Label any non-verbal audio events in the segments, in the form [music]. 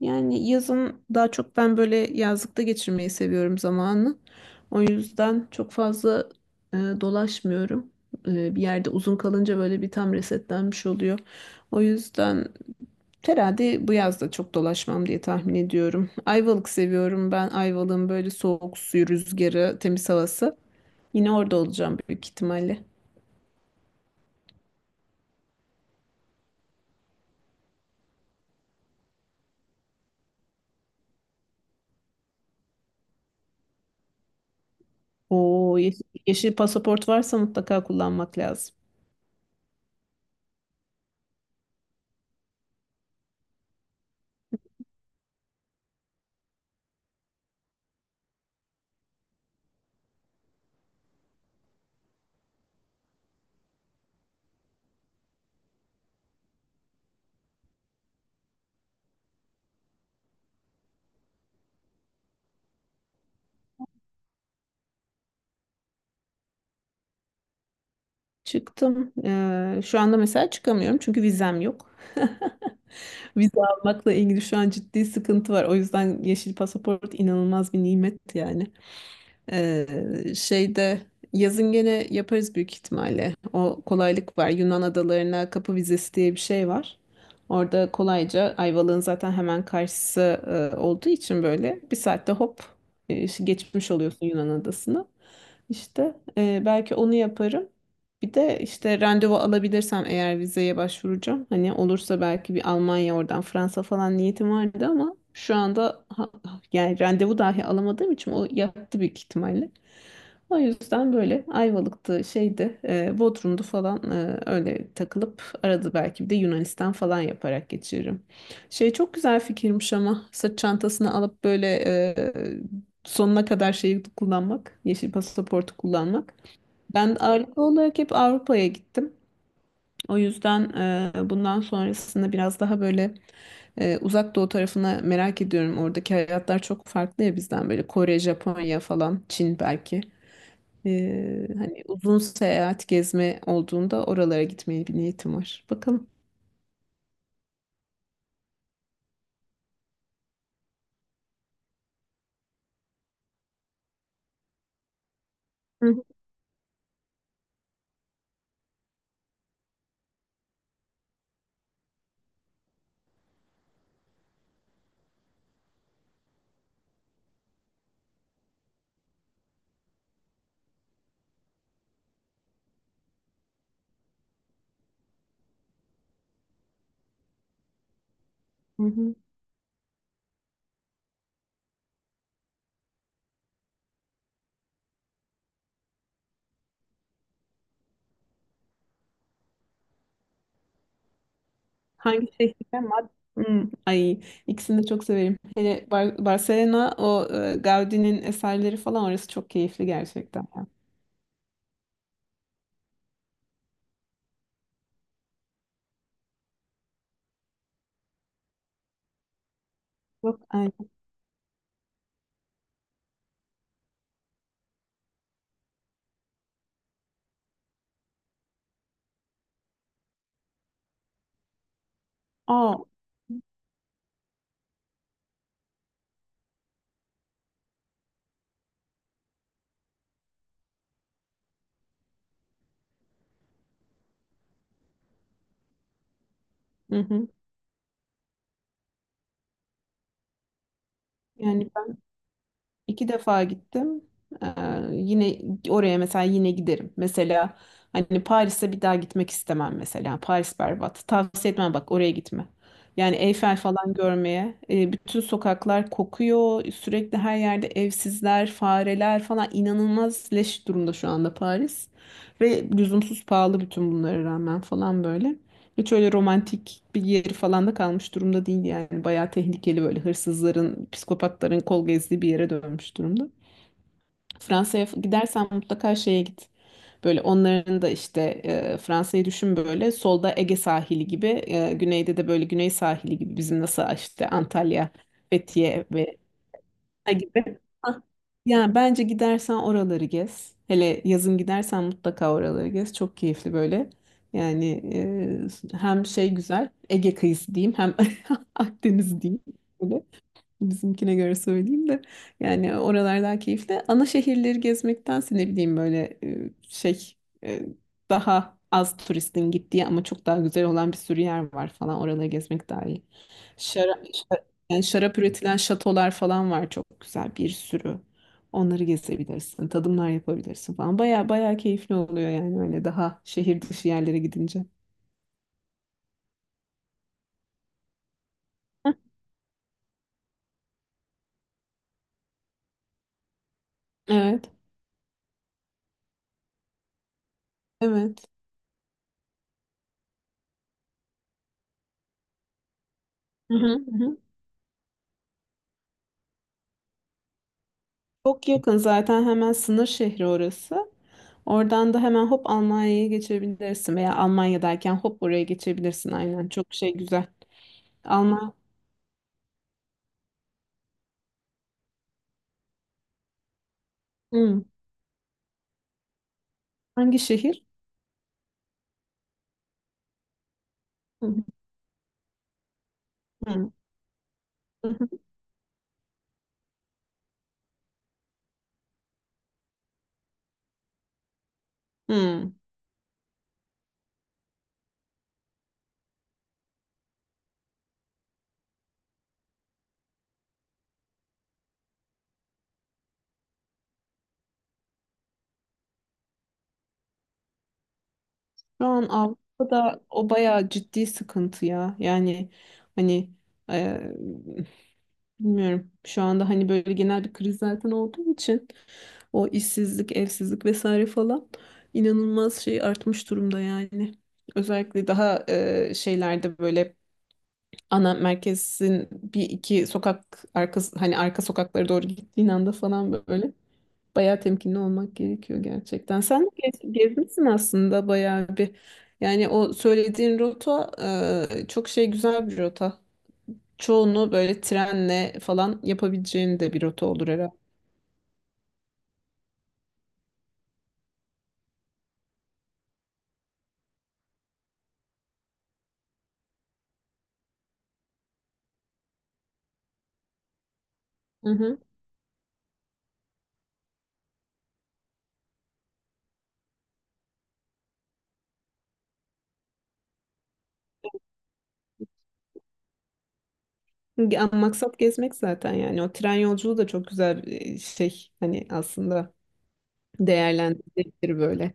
Yani yazın daha çok ben böyle yazlıkta geçirmeyi seviyorum zamanı. O yüzden çok fazla dolaşmıyorum. Bir yerde uzun kalınca böyle bir tam resetlenmiş oluyor. O yüzden herhalde bu yaz da çok dolaşmam diye tahmin ediyorum. Ayvalık seviyorum ben. Ayvalık'ın böyle soğuk suyu, rüzgarı, temiz havası. Yine orada olacağım büyük ihtimalle. O yeşil, yeşil pasaport varsa mutlaka kullanmak lazım. Çıktım. Şu anda mesela çıkamıyorum çünkü vizem yok. [laughs] Vize almakla ilgili şu an ciddi sıkıntı var. O yüzden yeşil pasaport inanılmaz bir nimet yani. Şeyde yazın gene yaparız büyük ihtimalle. O kolaylık var. Yunan adalarına kapı vizesi diye bir şey var. Orada kolayca Ayvalık'ın zaten hemen karşısı olduğu için böyle bir saatte hop geçmiş oluyorsun Yunan adasını. İşte belki onu yaparım. Bir de işte randevu alabilirsem eğer vizeye başvuracağım. Hani olursa belki bir Almanya oradan Fransa falan niyetim vardı ama şu anda yani randevu dahi alamadığım için o yattı büyük ihtimalle. O yüzden böyle Ayvalık'tı, şeydi, Bodrum'du falan öyle takılıp arada belki bir de Yunanistan falan yaparak geçiririm. Şey çok güzel fikirmiş ama sırt çantasını alıp böyle sonuna kadar şeyi kullanmak, yeşil pasaportu kullanmak. Ben ağırlıklı olarak hep Avrupa'ya gittim. O yüzden bundan sonrasında biraz daha böyle uzak doğu tarafına merak ediyorum. Oradaki hayatlar çok farklı ya bizden böyle Kore, Japonya falan, Çin belki. Hani uzun seyahat gezme olduğunda oralara gitmeye bir niyetim var. Bakalım. Hı hı. Hı hı. Hangi şehirde? Mad Hmm, Ay ikisini de çok severim. Hele Barcelona, o Gaudi'nin eserleri falan orası çok keyifli gerçekten ya. Yok, aynen. Aa, hı hı. Yani İki defa gittim. Ee, yine oraya mesela yine giderim. Mesela hani Paris'e bir daha gitmek istemem mesela. Paris berbat. Tavsiye etmem bak oraya gitme. Yani Eyfel falan görmeye. Bütün sokaklar kokuyor. Sürekli her yerde evsizler, fareler falan inanılmaz leş durumda şu anda Paris. Ve lüzumsuz pahalı bütün bunlara rağmen falan böyle. Hiç öyle romantik bir yeri falan da kalmış durumda değil yani. Bayağı tehlikeli böyle hırsızların, psikopatların kol gezdiği bir yere dönmüş durumda. Fransa'ya gidersen mutlaka şeye git. Böyle onların da işte Fransa'yı düşün böyle solda Ege sahili gibi, güneyde de böyle güney sahili gibi bizim nasıl işte Antalya, Fethiye ve Ha gibi. Ha. Yani bence gidersen oraları gez. Hele yazın gidersen mutlaka oraları gez. Çok keyifli böyle. Yani hem şey güzel Ege kıyısı diyeyim hem [laughs] Akdeniz diyeyim. Böyle. Bizimkine göre söyleyeyim de yani oralar daha keyifli. Ana şehirleri gezmektense ne bileyim böyle şey e, daha az turistin gittiği ama çok daha güzel olan bir sürü yer var falan oraları gezmek daha iyi. Şarap, yani şarap üretilen şatolar falan var çok güzel bir sürü. Onları gezebilirsin, tadımlar yapabilirsin falan. Baya baya keyifli oluyor yani öyle daha şehir dışı yerlere gidince. Heh. Evet, evet. Hı hı, hı hı. Çok yakın zaten hemen sınır şehri orası. Oradan da hemen hop Almanya'ya geçebilirsin veya Almanya'dayken hop buraya geçebilirsin aynen. Çok şey güzel. Alman Hmm. Hangi şehir? Hmm. Hmm. Hmm. Şu an Avrupa'da o bayağı ciddi sıkıntı ya. Yani hani e, bilmiyorum. Şu anda hani böyle genel bir kriz zaten olduğu için o işsizlik, evsizlik vesaire falan inanılmaz şey artmış durumda yani. Özellikle daha şeylerde böyle ana merkezin bir iki sokak arkası hani arka sokaklara doğru gittiğin anda falan böyle bayağı temkinli olmak gerekiyor gerçekten. Sen de gezmişsin aslında bayağı bir. Yani o söylediğin rota çok şey güzel bir rota. Çoğunu böyle trenle falan yapabileceğin de bir rota olur herhalde. Hı hı. Ya, maksat gezmek zaten yani o tren yolculuğu da çok güzel bir şey hani aslında değerlendirilebilir böyle.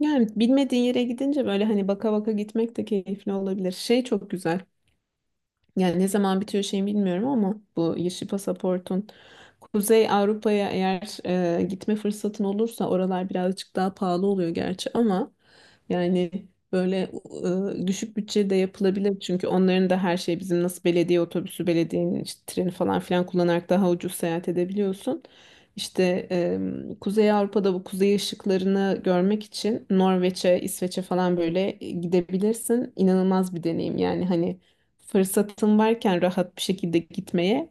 Yani bilmediğin yere gidince böyle hani baka baka gitmek de keyifli olabilir. Şey çok güzel. Yani ne zaman bitiyor şey bilmiyorum ama bu yeşil pasaportun Kuzey Avrupa'ya eğer gitme fırsatın olursa oralar birazcık daha pahalı oluyor gerçi ama yani böyle düşük bütçede yapılabilir çünkü onların da her şey bizim nasıl belediye otobüsü, belediyenin işte treni falan filan kullanarak daha ucuz seyahat edebiliyorsun. İşte Kuzey Avrupa'da bu kuzey ışıklarını görmek için Norveç'e, İsveç'e falan böyle gidebilirsin. İnanılmaz bir deneyim yani hani fırsatın varken rahat bir şekilde gitmeye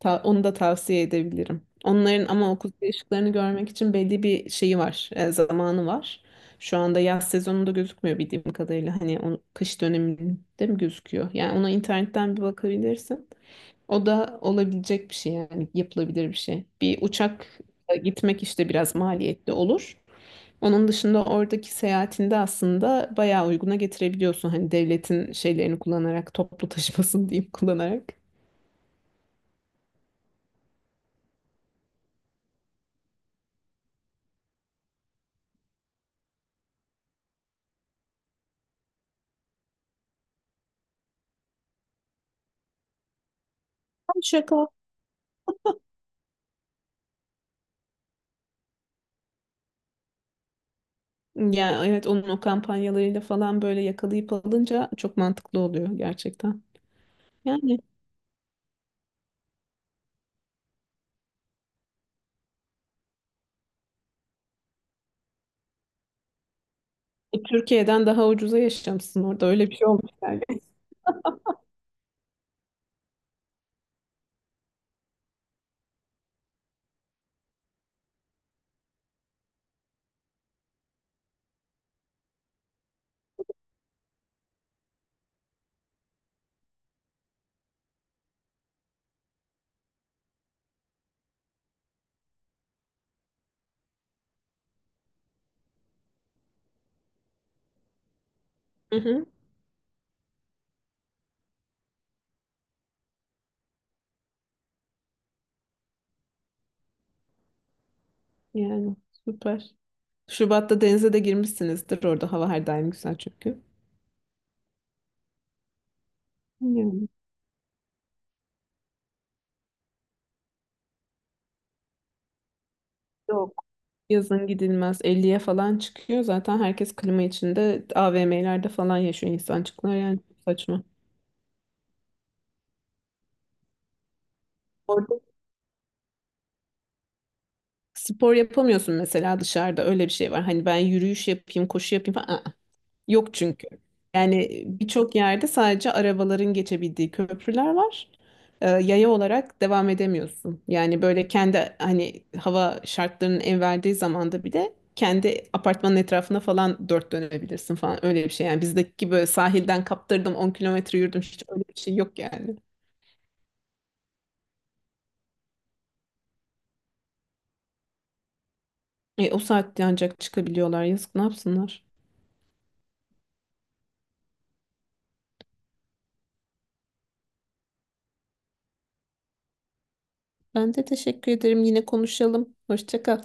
onu da tavsiye edebilirim. Onların ama okul değişiklerini görmek için belli bir şeyi var, zamanı var. Şu anda yaz sezonunda gözükmüyor bildiğim kadarıyla. Hani o kış döneminde mi gözüküyor? Yani ona internetten bir bakabilirsin. O da olabilecek bir şey yani yapılabilir bir şey. Bir uçakla gitmek işte biraz maliyetli olur. Onun dışında oradaki seyahatinde aslında bayağı uyguna getirebiliyorsun. Hani devletin şeylerini kullanarak, toplu taşımasını [laughs] diyeyim kullanarak. Ay, şaka. Ya evet onun o kampanyalarıyla falan böyle yakalayıp alınca çok mantıklı oluyor gerçekten. Yani Türkiye'den daha ucuza yaşamışsın orada öyle bir şey olmuş yani. Hı hı, [laughs] yani süper. Şubat'ta denize de girmişsinizdir orada hava her daim güzel çünkü. Yani. Yok. Yazın gidilmez. 50'ye falan çıkıyor. Zaten herkes klima içinde AVM'lerde falan yaşıyor insancıklar. Yani çok saçma. Orada spor yapamıyorsun mesela dışarıda. Öyle bir şey var. Hani ben yürüyüş yapayım, koşu yapayım falan. Aa. Yok çünkü. Yani birçok yerde sadece arabaların geçebildiği köprüler var. Yaya olarak devam edemiyorsun. Yani böyle kendi hani hava şartlarının el verdiği zamanda bile kendi apartmanın etrafına falan dört dönebilirsin falan öyle bir şey. Yani bizdeki böyle sahilden kaptırdım 10 kilometre yürüdüm hiç öyle bir şey yok yani. O saatte ancak çıkabiliyorlar yazık ne yapsınlar. Ben de teşekkür ederim yine konuşalım. Hoşça kal.